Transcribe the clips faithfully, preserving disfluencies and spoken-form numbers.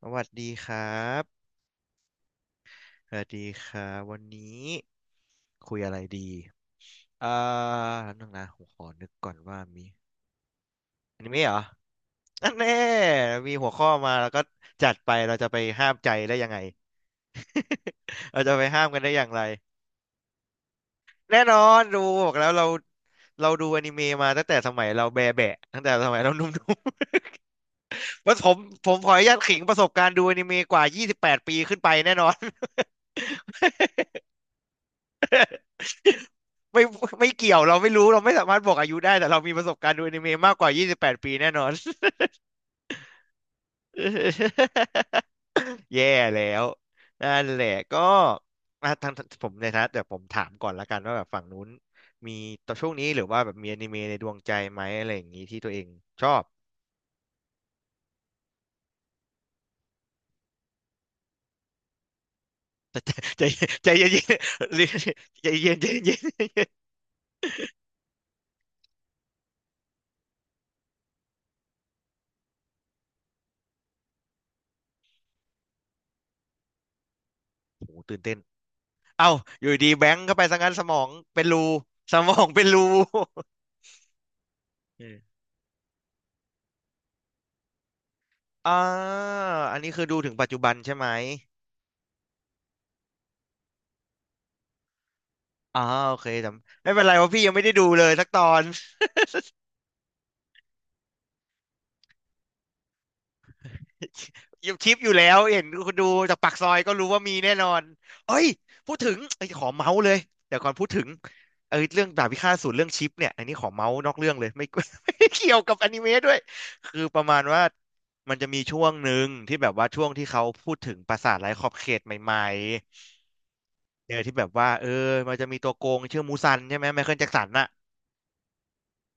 สวัสดีครับสวัสดีครับวันนี้คุยอะไรดีอ่าแล้วนึงนะผมขอนึกก่อนว่ามีอนิเมะเหรออันแน่มีหัวข้อมาแล้วก็จัดไปเราจะไปห้ามใจได้ยังไง เราจะไปห้ามกันได้อย่างไรแน่นอนดูบอกแล้วเรา เราดูอนิเมะมาตั้งแต่สมัยเราแบะแบะตั้งแต่สมัยเราหนุ่มๆ ว่าผมผมขออนุญาตขิงประสบการณ์ดูอนิเมะกว่ายี่สิบแปดปดปีขึ้นไปแน่นอน ไม่ ไม่เกี่ยวเราไม่รู้เราไม่สามารถบอกอายุได้แต่เรามีประสบการณ์ดูอนิเมะมากกว่ายี่สิบแปดปีแน่นอน แย่แล้วนั่นแหละก็อ่ะทางงผมในฐานะแต่ผมถามก่อนละกันว่าแบบฝั่งนู้นมีตอนช่วงนี้หรือว่าแบบมีอนิเมะในดวงใจไหมอะไรอย่างนี้ที่ตัวเองชอบ ใจใจเย็นๆ ใจเย็นใจเย็นโอ้โหตื่นเต้นเอ้าอยู่ดีแบงค์เข้าไปซะงั้นสมองเป็นรูสมองเป็นรู เอออ่าอันนี้คือดูถึงปัจจุบันใช่ไหม อ๋อโอเคแต่ไม่เป็นไรเพราะพี่ยังไม่ได้ดูเลยสักตอน อยังคลิปอยู่แล้วเห็นคุณดูจากปากซอยก็รู้ว่ามีแน่นอนเอ้ยพูดถึงไอ้ยขอเมาส์เลยเดี๋ยวก่อนพูดถึงเออเรื่องดาบพิฆาตอสูรเรื่องชิปเนี่ยอันนี้ขอเมาส์นอกเรื่องเลยไม่ ไม่เกี่ยวกับอนิเมะด้วยคือประมาณว่ามันจะมีช่วงหนึ่งที่แบบว่าช่วงที่เขาพูดถึงปราสาทไร้ขอบเขตใหม่ๆเออที่แบบว่าเออมันจะมีตัวโกงชื่อมูซันใช่ไหมไมเคิลแจ็คสันน่ะ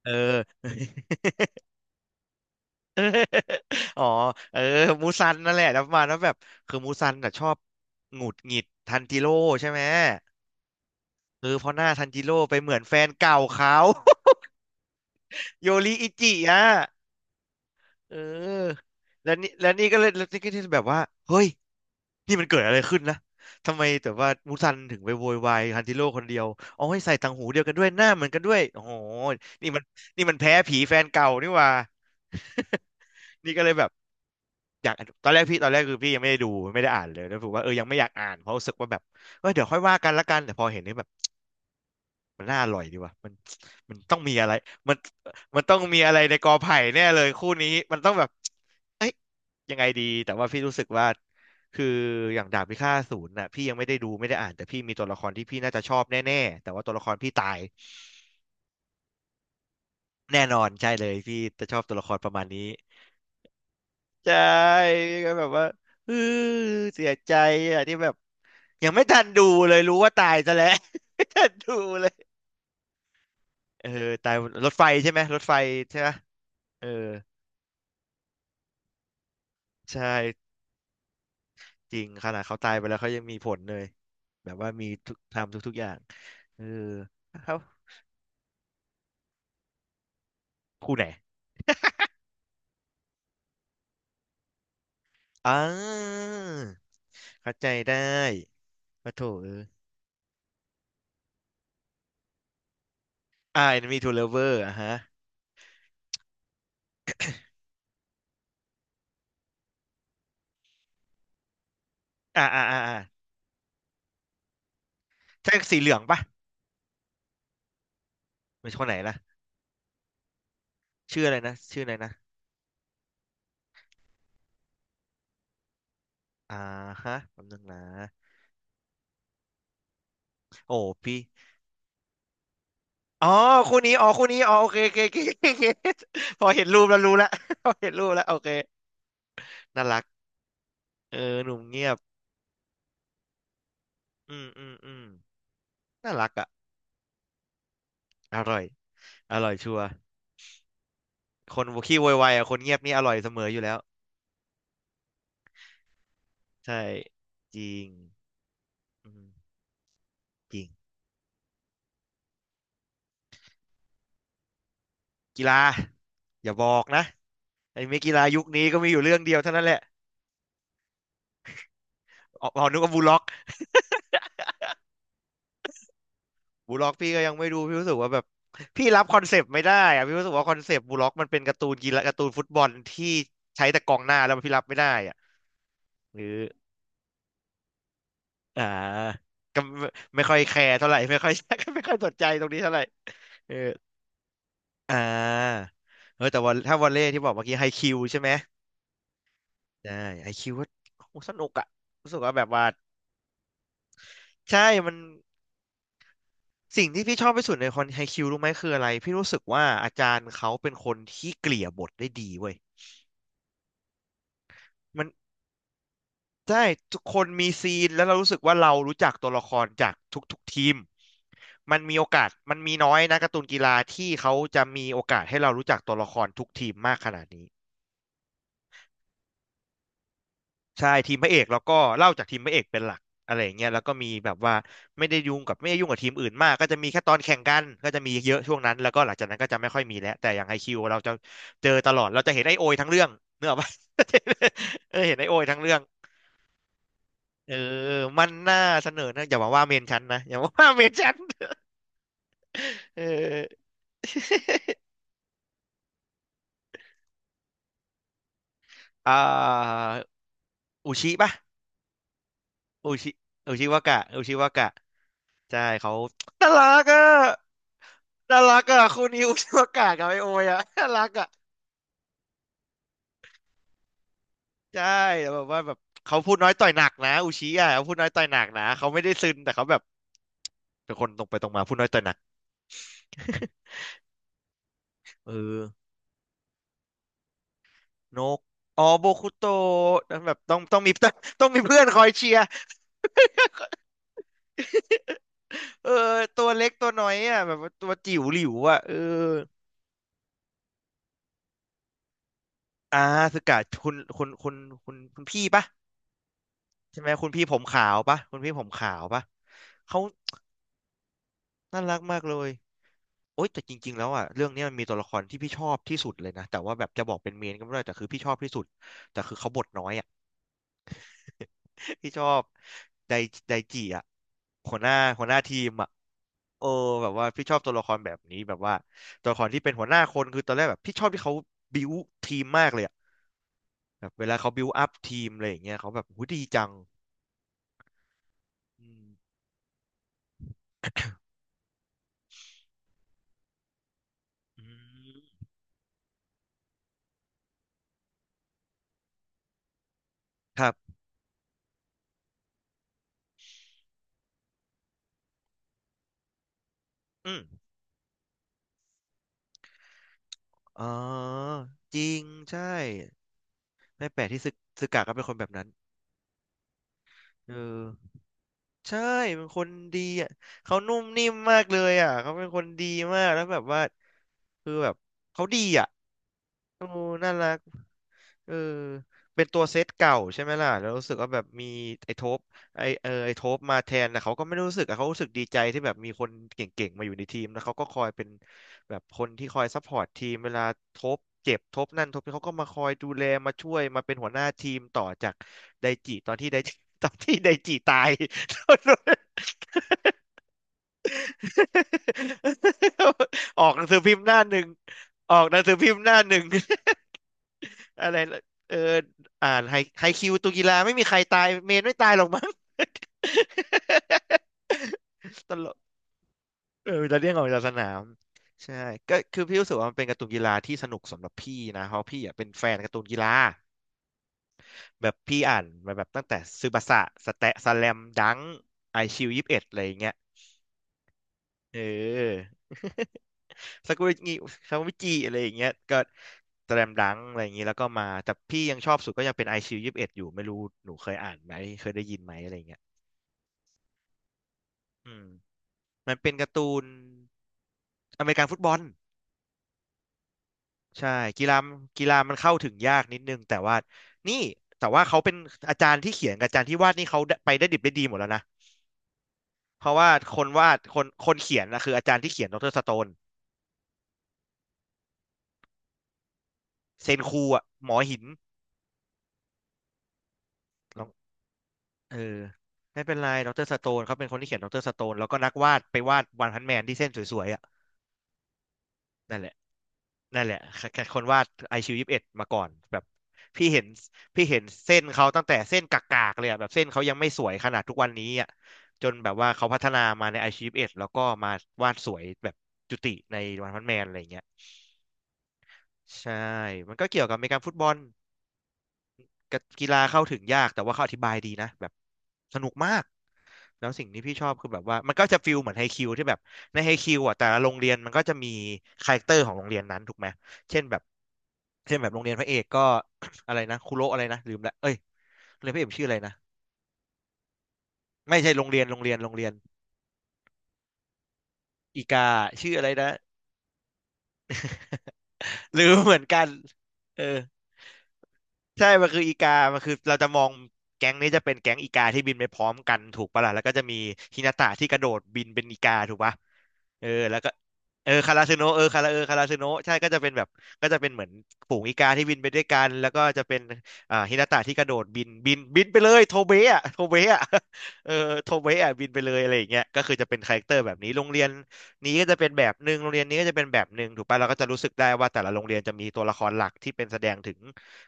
เออ อ๋อเออมูซันนั่นแหละแล้วประมาณว่าแบบคือมูซันน่ะชอบหงุดหงิดทันจิโร่ใช่ไหมเออเพราะหน้าทันจิโร่ไปเหมือนแฟนเก่าเขา โยริอิจิอ่ะเออแล้วนี่แล้วนี่ก็เลยแล้วนี่ก็ที่แบบว่าเฮ้ยนี่มันเกิดอะไรขึ้นนะทำไมแต่ว่ามูซันถึงไปโวยวายทันจิโร่คนเดียวเอาให้ใส่ต่างหูเดียวกันด้วยหน้าเหมือนกันด้วยโอ้โหนี่มันนี่มันแพ้ผีแฟนเก่านี่หว่า นี่ก็เลยแบบ อยากตอนแรกพี่ตอนแรกคือพี่ยังไม่ได้ดูไม่ได้อ่านเลยแล้วผมว่าเออยังไม่อยากอ่านเพราะรู้สึกว่าแบบเออเดี๋ยวค่อยว่ากันละกันแต่พอเห็นนี่แบบมันน่าอร่อยดีว่ะมันมันต้องมีอะไรมันมันต้องมีอะไรในกอไผ่แน่เลยคู่นี้มันต้องแบบเอ้ยยังไงดีแต่ว่าพี่รู้สึกว่าคืออย่างดาบพิฆาตอสูรน่ะพี่ยังไม่ได้ดูไม่ได้อ่านแต่พี่มีตัวละครที่พี่น่าจะชอบแน่ๆแต่ว่าตัวละครพี่ตายแน่นอนใช่เลยพี่จะชอบตัวละครประมาณนี้ใช่ก็แบบว่าเออเสียใจอ่ะที่แบบ ยังไม่ทันดูเลยรู้ว่าตายซะแล้ว ไม่ทันดูเลยเออตายรถไฟใช่ไหมรถไฟใช่ไหมเออใช่จริงขนาดเขาตายไปแล้วเขายังมีผลเลยแบบว่ามีทุกทำทุกๆอย่างเออเขาคู่ไหนอ่าเข้าใจได้มาโถเอออ่า e n ทูเล o l o v e อ่ะฮะอ่าอ่าอ่าอ่าใช่สีเหลืองปะเป็นชคนไหนนะชื่ออะไรนะชื่ออะไรนะอ่าฮะแป๊บนึงนะโอ้พี่ อ๋อคู่นี้อ๋อคู่นี้อ๋อโอเคโอเคโอเคโอเค พอเห็นรูปแล้วรู้แล้ว พอเห็นรูปแล้วโอเคน่ารักเออหนุ่มเงียบอืมอืมอืมน่ารักอ่ะอร่อยอร่อยชัวร์คนขี้โวยวายอ่ะคนเงียบนี่อร่อยเสมออยู่แล้วใช่จริงอืมจริงกีฬาอย่าบอกนะไอ้เมอกีฬายุคนี้ก็มีอยู่เรื่องเดียวเท่านั้นแหละอ๋ออ๋อนึกว่าบูลล็อก บูล็อกพี่ก็ยังไม่ดูพี่รู้สึกว่าแบบพี่รับคอนเซปต์ไม่ได้อะพี่รู้สึกว่าคอนเซปต์บูล็อกมันเป็นการ์ตูนกีฬาการ์ตูนฟุตบอลที่ใช้แต่กองหน้าแล้วพี่รับไม่ได้อะหรืออ่าก็ไม่ไม่ค่อยแคร์เท่าไหร่ ไม่ค่อย ไม่ค่อยสนใจตรงนี้เท่าไหร่เอออ่าเออแต่ว่าถ้าวอลเลย์ที่บอกเมื่อกี้ไฮคิวใช่ไหมใช่ไฮคิวว่าโหสนุกอะรู้สึกว่าแบบว่าใช่มันสิ่งที่พี่ชอบที่สุดในคอนไฮคิวรู้ไหมคืออะไรพี่รู้สึกว่าอาจารย์เขาเป็นคนที่เกลี่ยบทได้ดีเว้ยมัน ใช่ทุกคนมีซีนแล้วเรารู้สึกว่าเรารู้จักตัวละครจากทุกๆทีมมันมีโอกาสมันมีน้อยนะการ์ตูนกีฬาที่เขาจะมีโอกาสให้เรารู้จักตัวละครทุกทีมมากขนาดนี้ใช่ทีมพระเอกแล้วก็เล่าจากทีมพระเอกเป็นหลักอะไรอย่างเงี้ยแล้วก็มีแบบว่าไม่ได้ยุ่งกับไม่ได้ยุ่งกับทีมอื่นมากก็จะมีแค่ตอนแข่งกันก็จะมีเยอะช่วงนั้นแล้วก็หลังจากนั้นก็จะไม่ค่อยมีแล้วแต่อย่างไอคิวเราจะเจอตลอดเราจะเห็นไอโอยทั้งเรื่องเนกอะปะ เออเห็นไอโอยทั้งเรื่อง เออมันน่าเสนอนะอย่ามาว่าเมนฉันนะอย่ามาว่าเมนฉัน เอออ่าอุชิปะอุชิอุชิวากะอุชิวากะใช่เขาน่ารักอะน่ารักอะคู่นี้อุชิวากะกับไอโอยอะ น่ารักอะใช่แต่แบบว่าแบบเขาพูดน้อยต่อยหนักนะอุชิอะเขาพูดน้อยต่อยหนักนะเขาไม่ได้ซึนแต่เขาแบบเป็นคนตรงไปตรงมาพูดน้อยต่อยหนัก เออนกอ๋อโบคุโตะแบบต้องต้องมี ต้องต้องมีเพื่อนคอยเชียร์ เออตัวเล็กตัวน้อยอ่ะแบบว่าตัวจิ๋วหลิวอ่ะเอออ่าสึกะคุณคุณคุณคุณคุณพี่ปะใช่ไหมคุณพี่ผมขาวปะคุณพี่ผมขาวปะเขาน่ารักมากเลยโอ๊ยแต่จริงๆแล้วอ่ะเรื่องเนี้ยมันมีตัวละครที่พี่ชอบที่สุดเลยนะแต่ว่าแบบจะบอกเป็นเมนก็ไม่ได้แต่คือพี่ชอบที่สุดแต่คือเขาบทน้อยอ่ะ พี่ชอบไดไดจิอ่ะหัวหน้าหัวหน้าทีมอ่ะเออแบบว่าพี่ชอบตัวละครแบบนี้แบบว่าตัวละครที่เป็นหัวหน้าคนคือตอนแรกแบบพี่ชอบที่เขาบิวทีมมากเลยอะ แบบเวลาเขาบิวอัพทีมอะไรอย่างเงี้ยเขาแบบหูยดีจังอืมอืมครับอืมอ๋อจริง ใช่ไม่แปลกที่ซึกซึกากะก็เป็นคนแบบนั้นเออใช่ เป็นคนดีอ่ะ เขานุ่มนิ่มมากเลยอ่ะ เขาเป็นคนดีมากแล้วแบบว่า คือแบบเขาดีอ่ะโอ้น่ารัก เออเป็นตัวเซตเก่าใช่ไหมล่ะแล้วรู้สึกว่าแบบมีไอ้โทปไอ้เออไอ้โทปมาแทนแต่เขาก็ไม่ได้รู้สึกอะเขารู้สึกดีใจที่แบบมีคนเก่งๆมาอยู่ในทีมแล้วเขาก็คอยเป็นแบบคนที่คอยซัพพอร์ตทีมเวลาโทปเจ็บโทปนั่นโทปนี่เขาก็มาคอยดูแลมาช่วยมาเป็นหัวหน้าทีมต่อจากไดจิตอนที่ไดจิ ตอนที่ไดจิตาย ออกหนังสือพิมพ์หน้าหนึ่งออกหนังสือพิมพ์หน้าหนึ่ง อะไระเอออ่านไฮไฮคิวตุกีฬาไม่มีใครตายเมนไม่ตายหรอกมั้ง ตลกเออจะเรียกออกจากสนามใช่ก็คือพี่รู้สึกว่ามันเป็นการ์ตูนกีฬาที่สนุกสำหรับพี่นะเพราะพี่อ่ะเป็นแฟนการ์ตูนกีฬาแบบพี่อ่านมาแบบตั้งแต่ซึบาสะสแตะสแลมดังไอชิวยสิบเอ็ดอะไรอย่างเงี้ย เออ ซากุระงิซากุระจิอะไรอย่างเงี้ยก็แตรมดังอะไรอย่างงี้แล้วก็มาแต่พี่ยังชอบสุดก็ยังเป็นไอซิวยี่สิบเอ็ดอยู่ไม่รู้หนูเคยอ่านไหมเคยได้ยินไหมอะไรอย่างเงี้ยอืมมันเป็นการ์ตูนอเมริกันฟุตบอลใช่กีฬากีฬามันเข้าถึงยากนิดนึงแต่ว่านี่แต่ว่าเขาเป็นอาจารย์ที่เขียนกับอาจารย์ที่วาดนี่เขาได้ไปได้ดิบได้ดีหมดแล้วนะเพราะว่าคนวาดคนคนเขียนนะคืออาจารย์ที่เขียนดรสโตนเซนคูอะหมอหิน เออไม่เป็นไรดรสโตนเขาเป็นคนที่เขียนดรสโตนแล้วก็นักวาดไปวาดวันพันแมนที่เส้นสวยๆอ่ะนั่นแหละนั่นแหละคคคนวาดไอคิวยี่สิบเอ็ดมาก่อนแบบพี่เห็นพี่เห็นเส้นเขาตั้งแต่เส้นกากๆเลยอะแบบเส้นเขายังไม่สวยขนาดทุกวันนี้อ่ะจนแบบว่าเขาพัฒนามาในไอคิวยี่สิบเอ็ดแล้วก็มาวาดสวยแบบจุติในวันพันแมนอะไรอย่างเงี้ยใช่มันก็เกี่ยวกับอเมริกันฟุตบอล กะกีฬาเข้าถึงยากแต่ว่าเขาอธิบายดีนะแบบสนุกมากแล้วสิ่งที่พี่ชอบคือแบบว่ามันก็จะฟิลเหมือนไฮคิวที่แบบในไฮคิวอ่ะแต่ละโรงเรียนมันก็จะมีคาแรคเตอร์ของโรงเรียนนั้นถูกไหมเช่นแบบเช่นแบบโรงเรียนพระเอกก็ อะไรนะคุโระอะไรนะลืมละเอ้ยโรงเรียนพระเอกชื่ออะไรนะไม่ใช่โรงเรียนโรงเรียนโรงเรียนอีกาชื่ออะไรนะ ลืมเหมือนกันเออ ใช่มันคืออีกามันคือเราจะมองแก๊งนี้จะเป็นแก๊งอีกาที่บินไปพร้อมกันถูกปะล่ะแล้วก็จะมีฮินาตะที่กระโดดบินเป็นอีกาถูกปะเออแล้วก็เออคาราซึโนะเออคาราเออคาราซึโนะใช่ก็จะเป็นแบบก็จะเป็นเหมือนฝูงอีกาที่บินไปด้วยกันแล้วก็จะเป็นอ่าฮินาตะที่กระโดดบินบินบินไปเลยโทเบะอะโทเบะอะเออโทเบะอะบินไปเลยอะไรอย่างเงี้ยก็คือจะเป็นคาแรคเตอร์แบบนี้โรงเรียนนี้ก็จะเป็นแบบหนึ่งโรงเรียนนี้ก็จะเป็นแบบหนึ่งถูกปะเราก็จะรู้สึกได้ว่าแต่ละโรงเรียนจะมีตัวละครหลักที่เป็นแสดงถึง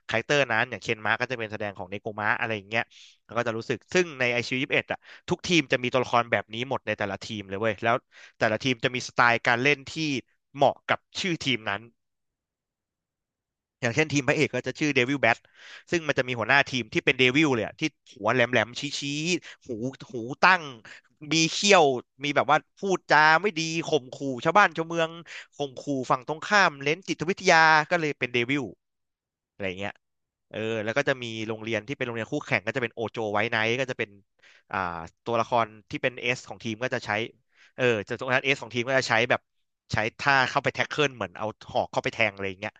คาแรคเตอร์นั้นอย่างเคนมาร์ก็จะเป็นแสดงของเนโกมะอะไรอย่างเงี้ยแล้วก็จะรู้สึกซึ่งในไอชิวยี่สิบเอ็ดอ่ะทุกทีมจะมีตัวละครแบบนี้หมดในแต่ละทีมเลยเว้ยแล้วแต่ละทีมจะมีสไตล์การเล่นที่เหมาะกับชื่อทีมนั้นอย่างเช่นทีมพระเอกก็จะชื่อเดวิลแบทซึ่งมันจะมีหัวหน้าทีมที่เป็นเดวิลเลยอะที่หัวแหลมๆชี้ๆหูหูตั้งมีเขี้ยวมีแบบว่าพูดจาไม่ดีข่มขู่ชาวบ้านชาวเมืองข่มขู่ฝั่งตรงข้ามเล่นจิตวิทยาก็เลยเป็นเดวิล อะไรเงี้ยเออแล้วก็จะมีโรงเรียนที่เป็นโรงเรียนคู่แข่งก็จะเป็นโอโจไว้ไนท์ก็จะเป็นอ่าตัวละครที่เป็นเอสของทีมก็จะใช้เออจะตัวนั้นเอสของทีมก็จะใช้แบบใช้ท่าเข้าไปแท็กเกิลเหมือนเอาหอกเข้าไปแทงอะไรอย่างเงี้ย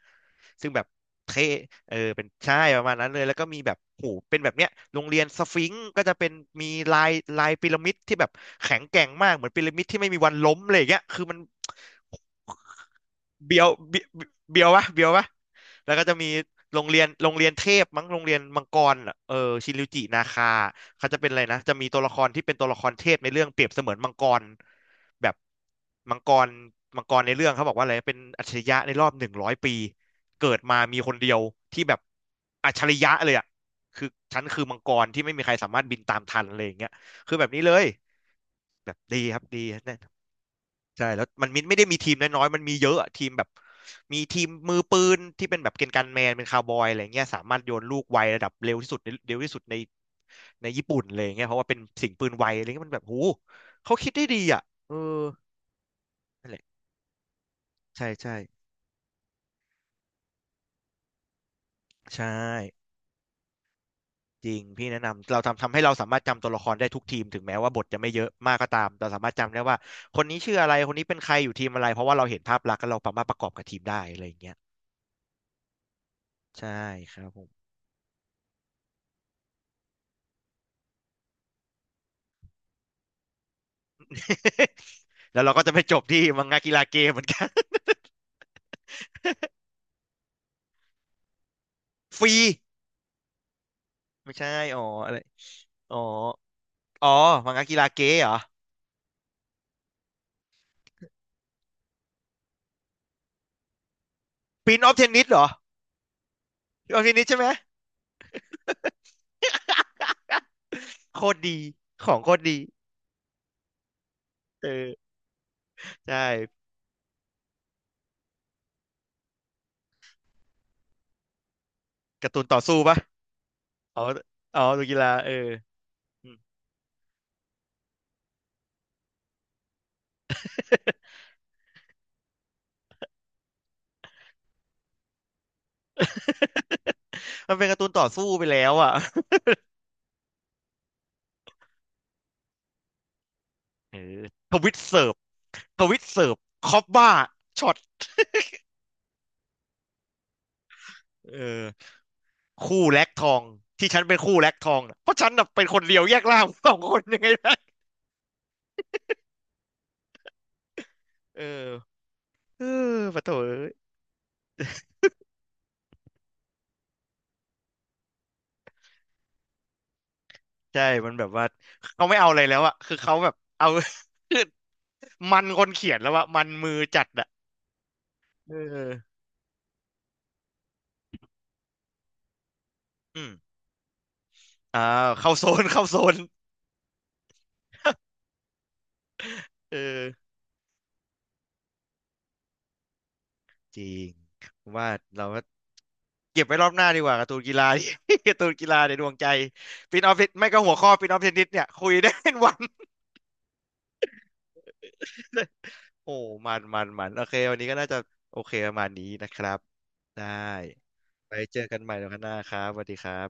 ซึ่งแบบเท่เออเป็นใช่ประมาณนั้นเลยแล้วก็มีแบบหูเป็นแบบเนี้ยโรงเรียนสฟิงค์ก็จะเป็นมีลายลายพีระมิดที่แบบแข็งแกร่งมากเหมือนพีระมิดที่ไม่มีวันล้มเลยอย่างเงี้ยคือมันโห เบียวเบีเบียววะเบียววะแล้วก็จะมีโรงเรียนโรงเรียนเทพมั้งโรงเรียนมังกรอะเออชินริวจินาคาเขาจะเป็นอะไรนะจะมีตัวละครที่เป็นตัวละครเทพในเรื่องเปรียบเสมือนมังกรแบบมังกรมังกรในเรื่องเขาบอกว่าอะไรเป็นอัจฉริยะในรอบหนึ่งร้อยปีเกิดมามีคนเดียวที่แบบอัจฉริยะเลยอ่ะคือฉันคือมังกรที่ไม่มีใครสามารถบินตามทันอะไรอย่างเงี้ยคือแบบนี้เลยแบบดีครับดีแน่ ใช่แล้วมันมิไม่ได้มีทีมน้อยๆมันมีเยอะอะทีมแบบมีทีมมือปืนที่เป็นแบบเกณฑ์การแมนเป็นคาวบอยอะไรเงี้ยสามารถโยนลูกไวระดับเร็วที่สุดในเร็วที่สุดในในญี่ปุ่นเลยเงี้ยเพราะว่าเป็นสิ่งปืนไวอะไรเงี้ยมันแบบหูเขาคิดได้ดีอ่ะเออนั่นแหละใช่ใช่ใช่จริงพี่แนะนำเราทำทำให้เราสามารถจำตัวละครได้ทุกทีมถึงแม้ว่าบทจะไม่เยอะมากก็ตามเราสามารถจำได้ว่าคนนี้ชื่ออะไรคนนี้เป็นใครอยู่ทีมอะไรเพราะว่าเราเห็นภาพลักษณ์แล้วเราสามารถประกอบกับทีมได้อะไรอย่างเงี้ยใช่ครับผม แล้วเราก็จะไปจบที่มังงะกีฬาเกมเหมือนกัน ฟรีไม่ใช่อ๋ออะไรอ๋ออ๋อมังงะกีฬาเกมเหรอปินออฟเทนนิสเหรอปินออฟเทนนิสใช่ไหมโคตรดีของโคตรดีเออใช่การ์ตูนต่อสู้ปะอ๋ออ๋อดูกีฬาเอออืม มันเป็นการ์ตูนต่อสู้ไปแล้วอ่ะ เออทวิตเสิร์ฟทวิตเสิร์ฟคอปบ้าช็อตเออคู่แลกทองที่ฉันเป็นคู่แลกทองน่ะเพราะฉันน่ะเป็นคนเดียวแยกล่าง สองคนยังไง เออเออปะโถเอ้ยใช่ มันแบบว่าเขาไม่เอาอะไรแล้วอะ คือเขาแบบเอา คือมันคนเขียนแล้วอะมันมือจัดอะเอออืมอ่าเข้าโซนเข้าโซนเออจริงผมว่าเราก็เก็บไว้รอบหน้าดีกว่าการ์ตูนกีฬา ที่ การ์ตูนกีฬาในดวงใจปินออฟไม่ก็หัวข้อปินออฟเทนนิสเนี่ยคุยได้เป็นวัน โอ้มันมันมันโอเควันนี้ก็น่าจะโอเคประมาณนี้นะครับได้ไปเจอกันใหม่ในวกันหน้าครับสวัสดีครับ